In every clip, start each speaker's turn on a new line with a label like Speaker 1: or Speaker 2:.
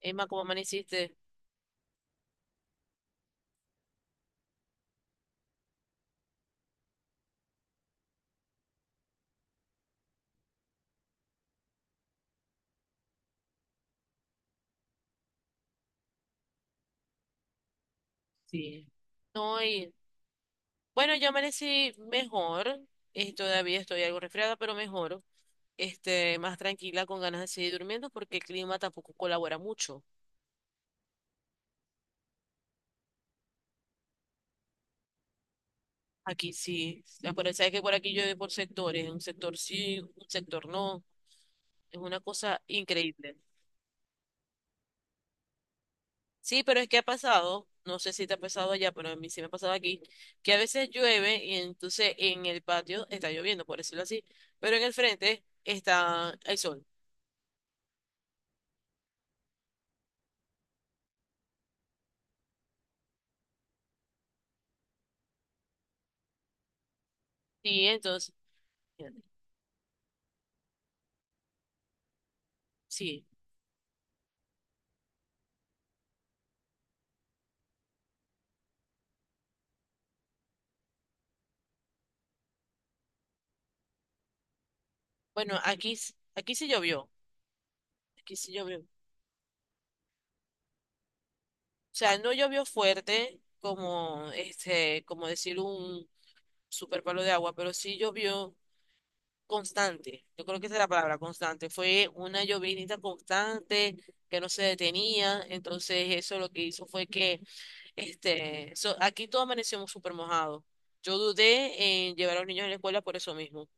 Speaker 1: Emma, ¿cómo amaneciste? Sí. No, yo amanecí mejor. Todavía estoy algo resfriada, pero mejor. Más tranquila, con ganas de seguir durmiendo, porque el clima tampoco colabora mucho. Aquí sí. Por, sabes que por aquí llueve por sectores. Un sector sí, un sector no. Es una cosa increíble. Sí, pero es que ha pasado, no sé si te ha pasado allá, pero a mí sí me ha pasado aquí, que a veces llueve y entonces en el patio está lloviendo, por decirlo así, pero en el frente está el sol. Sí, entonces, sí. Bueno, aquí, aquí sí llovió, aquí sí llovió. O sea, no llovió fuerte como, como decir un super palo de agua, pero sí llovió constante. Yo creo que esa es la palabra, constante. Fue una llovinita constante que no se detenía. Entonces, eso lo que hizo fue que, aquí todo amanecimos súper mojado. Yo dudé en llevar a los niños a la escuela por eso mismo.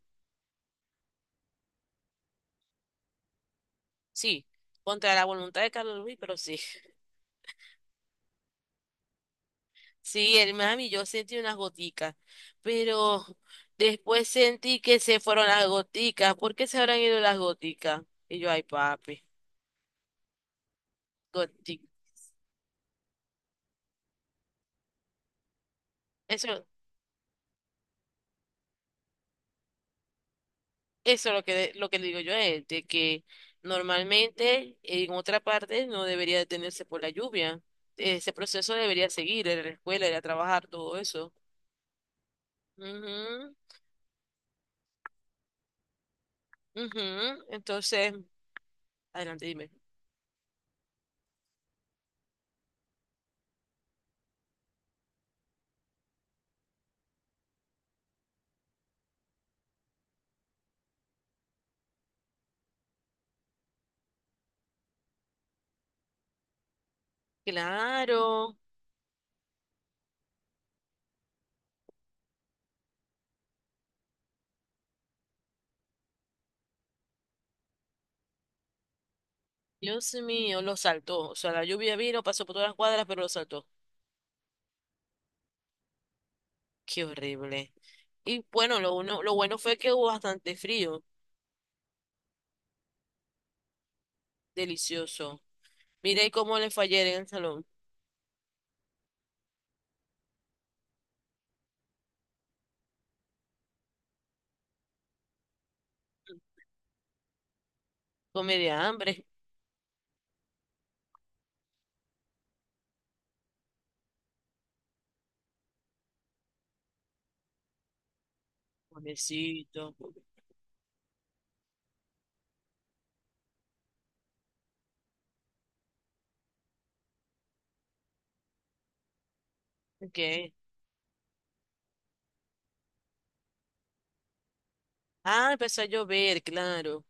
Speaker 1: Sí, contra la voluntad de Carlos Luis, pero sí. Sí, el Miami, yo sentí unas goticas, pero después sentí que se fueron las goticas. ¿Por qué se habrán ido las goticas? Y yo, ay, papi, goticas. Eso, eso es lo que le digo yo a él, de que normalmente en otra parte no debería detenerse por la lluvia. Ese proceso debería seguir, ir a la escuela, ir a trabajar, todo eso. Ujú, ujú. Entonces, adelante, dime. Claro. Dios mío, lo saltó. O sea, la lluvia vino, pasó por todas las cuadras, pero lo saltó. Qué horrible. Y bueno, lo bueno fue que hubo bastante frío. Delicioso. Miré cómo le fue ayer en el salón. Con media hambre. Pobrecito. ¿Qué? Ah, empezó a llover, claro.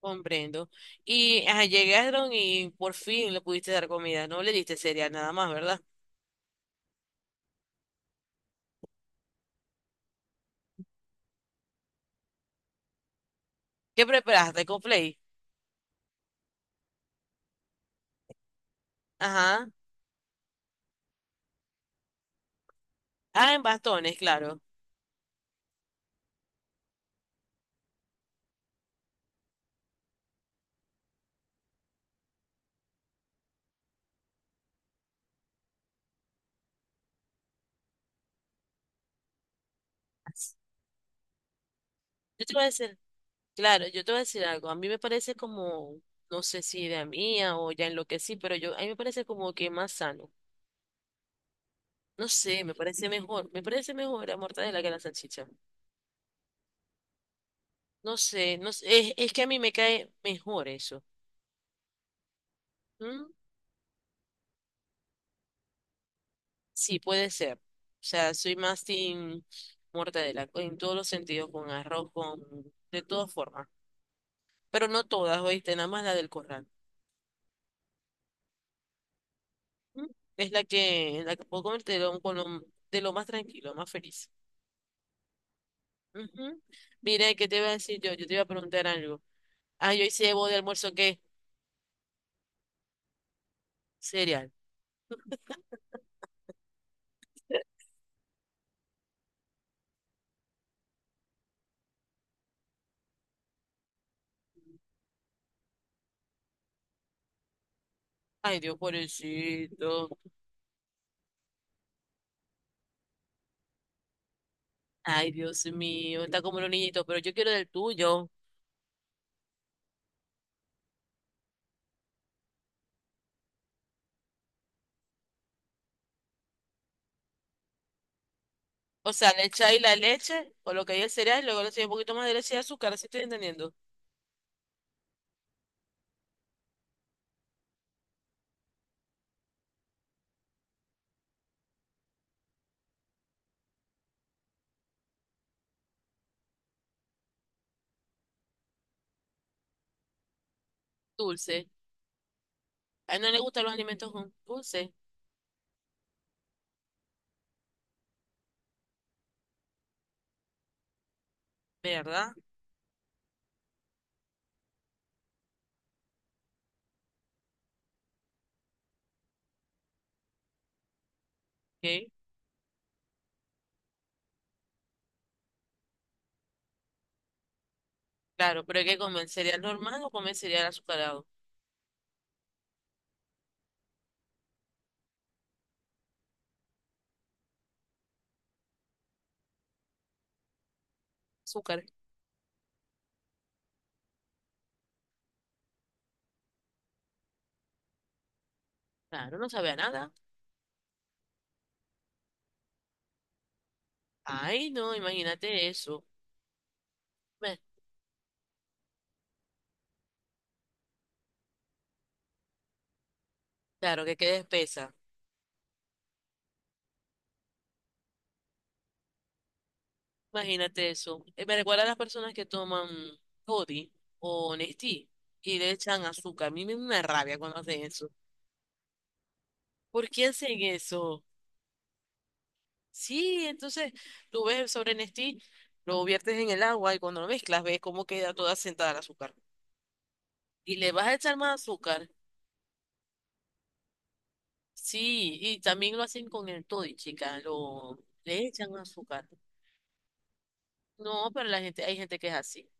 Speaker 1: Comprendo. Y ajá, llegaron y por fin le pudiste dar comida. No le diste cereal nada más, ¿verdad? ¿Qué preparaste? ¿Con play? Ajá. Ah, en bastones, claro. Yo te voy a decir. Claro, yo te voy a decir algo. A mí me parece como, no sé si idea mía o ya en lo que sí, pero yo, a mí me parece como que más sano. No sé, me parece mejor. Me parece mejor la mortadela que la salchicha. No sé, no sé, es que a mí me cae mejor eso. ¿Mm? Sí, puede ser. O sea, soy más team mortadela en todos los sentidos, con arroz, con, de todas formas. Pero no todas, oíste, nada más la del corral. ¿Mm? Es la que puedo comer de lo, de lo más tranquilo, más feliz. Ujú. Mira, ¿qué te iba a decir yo? Yo te iba a preguntar algo. Ay, hoy hice de almuerzo, ¿qué? Cereal. Ay, Dios, pobrecito. Ay, Dios mío. Está como un niñito, pero yo quiero del tuyo. O sea, le echáis la leche, o lo que hay el cereal, y luego le echáis un poquito más de leche y azúcar, así estoy entendiendo. Dulce. A él no le gustan los alimentos con dulce, ¿verdad? Ok. Claro, pero hay que comer cereal normal o comer cereal azucarado. Azúcar. Claro, no sabe a nada. Ay, no, imagínate eso. Ve, claro, que quede espesa. Imagínate eso. Me recuerda a las personas que toman Toddy o Nestí y le echan azúcar. A mí me da una rabia cuando hacen eso. ¿Por qué hacen eso? Sí, entonces tú ves el sobre Nestí, lo viertes en el agua y cuando lo mezclas ves cómo queda toda sentada el azúcar. ¿Y le vas a echar más azúcar? Sí, y también lo hacen con el Toddy, chica. Le echan azúcar. No, pero la gente, hay gente que es así.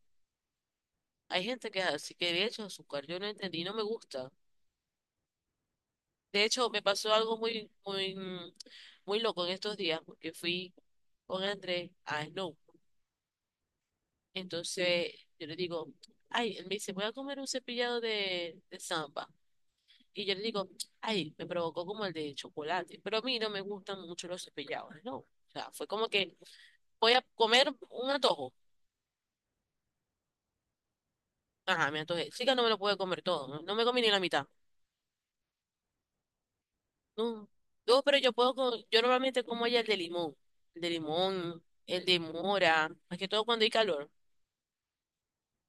Speaker 1: Hay gente que es así, que le echan azúcar. Yo no entendí, no me gusta. De hecho, me pasó algo muy, muy, muy loco en estos días, porque fui con Andrés a Snow. Entonces, yo le digo, ay, él me dice, voy a comer un cepillado de samba. Y yo le digo, ay, me provocó como el de chocolate. Pero a mí no me gustan mucho los cepillados, ¿no? O sea, fue como que voy a comer un antojo. Ajá, me antojé. Sí que no me lo pude comer todo, no, no me comí ni la mitad. No, no, pero yo puedo, yo normalmente como ya el de limón, el de limón, el de mora, más que todo cuando hay calor,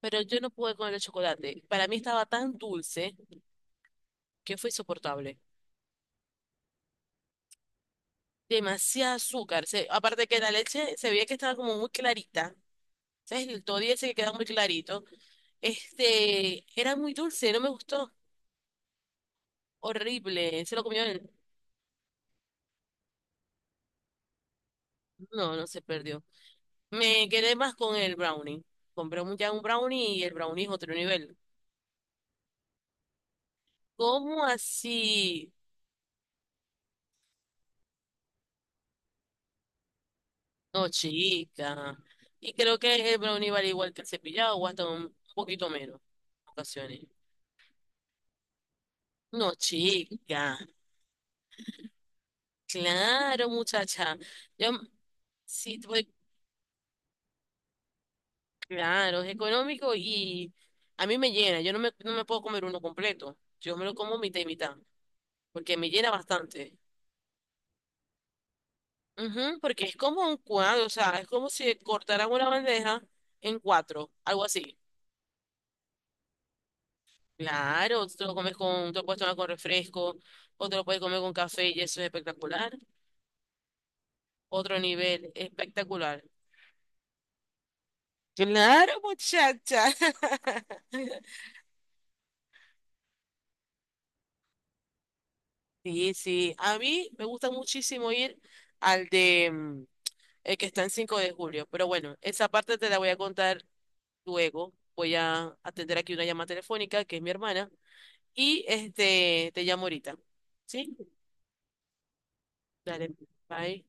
Speaker 1: pero yo no pude con el de chocolate. Para mí estaba tan dulce que fue insoportable. Demasiado azúcar, aparte que la leche se veía que estaba como muy clarita, ¿sabes? El toddy ese que queda muy clarito. Era muy dulce, no me gustó, horrible, se lo comió él. No, no se perdió. Me quedé más con el brownie. Compré ya un brownie y el brownie es otro nivel. ¿Cómo así? No, chica. Y creo que el brownie vale igual que el cepillado o hasta un poquito menos en ocasiones. No, chica. Claro, muchacha. Yo sí, pues, claro, es económico y a mí me llena. Yo no me, No me puedo comer uno completo. Yo me lo como mitad y mitad porque me llena bastante. Ujú, porque es como un cuadro, o sea, es como si cortaran una bandeja en cuatro, algo así. Claro, tú te lo comes con, te lo puedes tomar con refresco, o te lo puedes comer con café y eso es espectacular. Otro nivel, espectacular. Claro, muchacha. Sí, sí. A mí me gusta muchísimo ir al de el que está en 5 de Julio. Pero bueno, esa parte te la voy a contar luego. Voy a atender aquí una llamada telefónica, que es mi hermana. Y este te llamo ahorita. ¿Sí? Dale. Bye.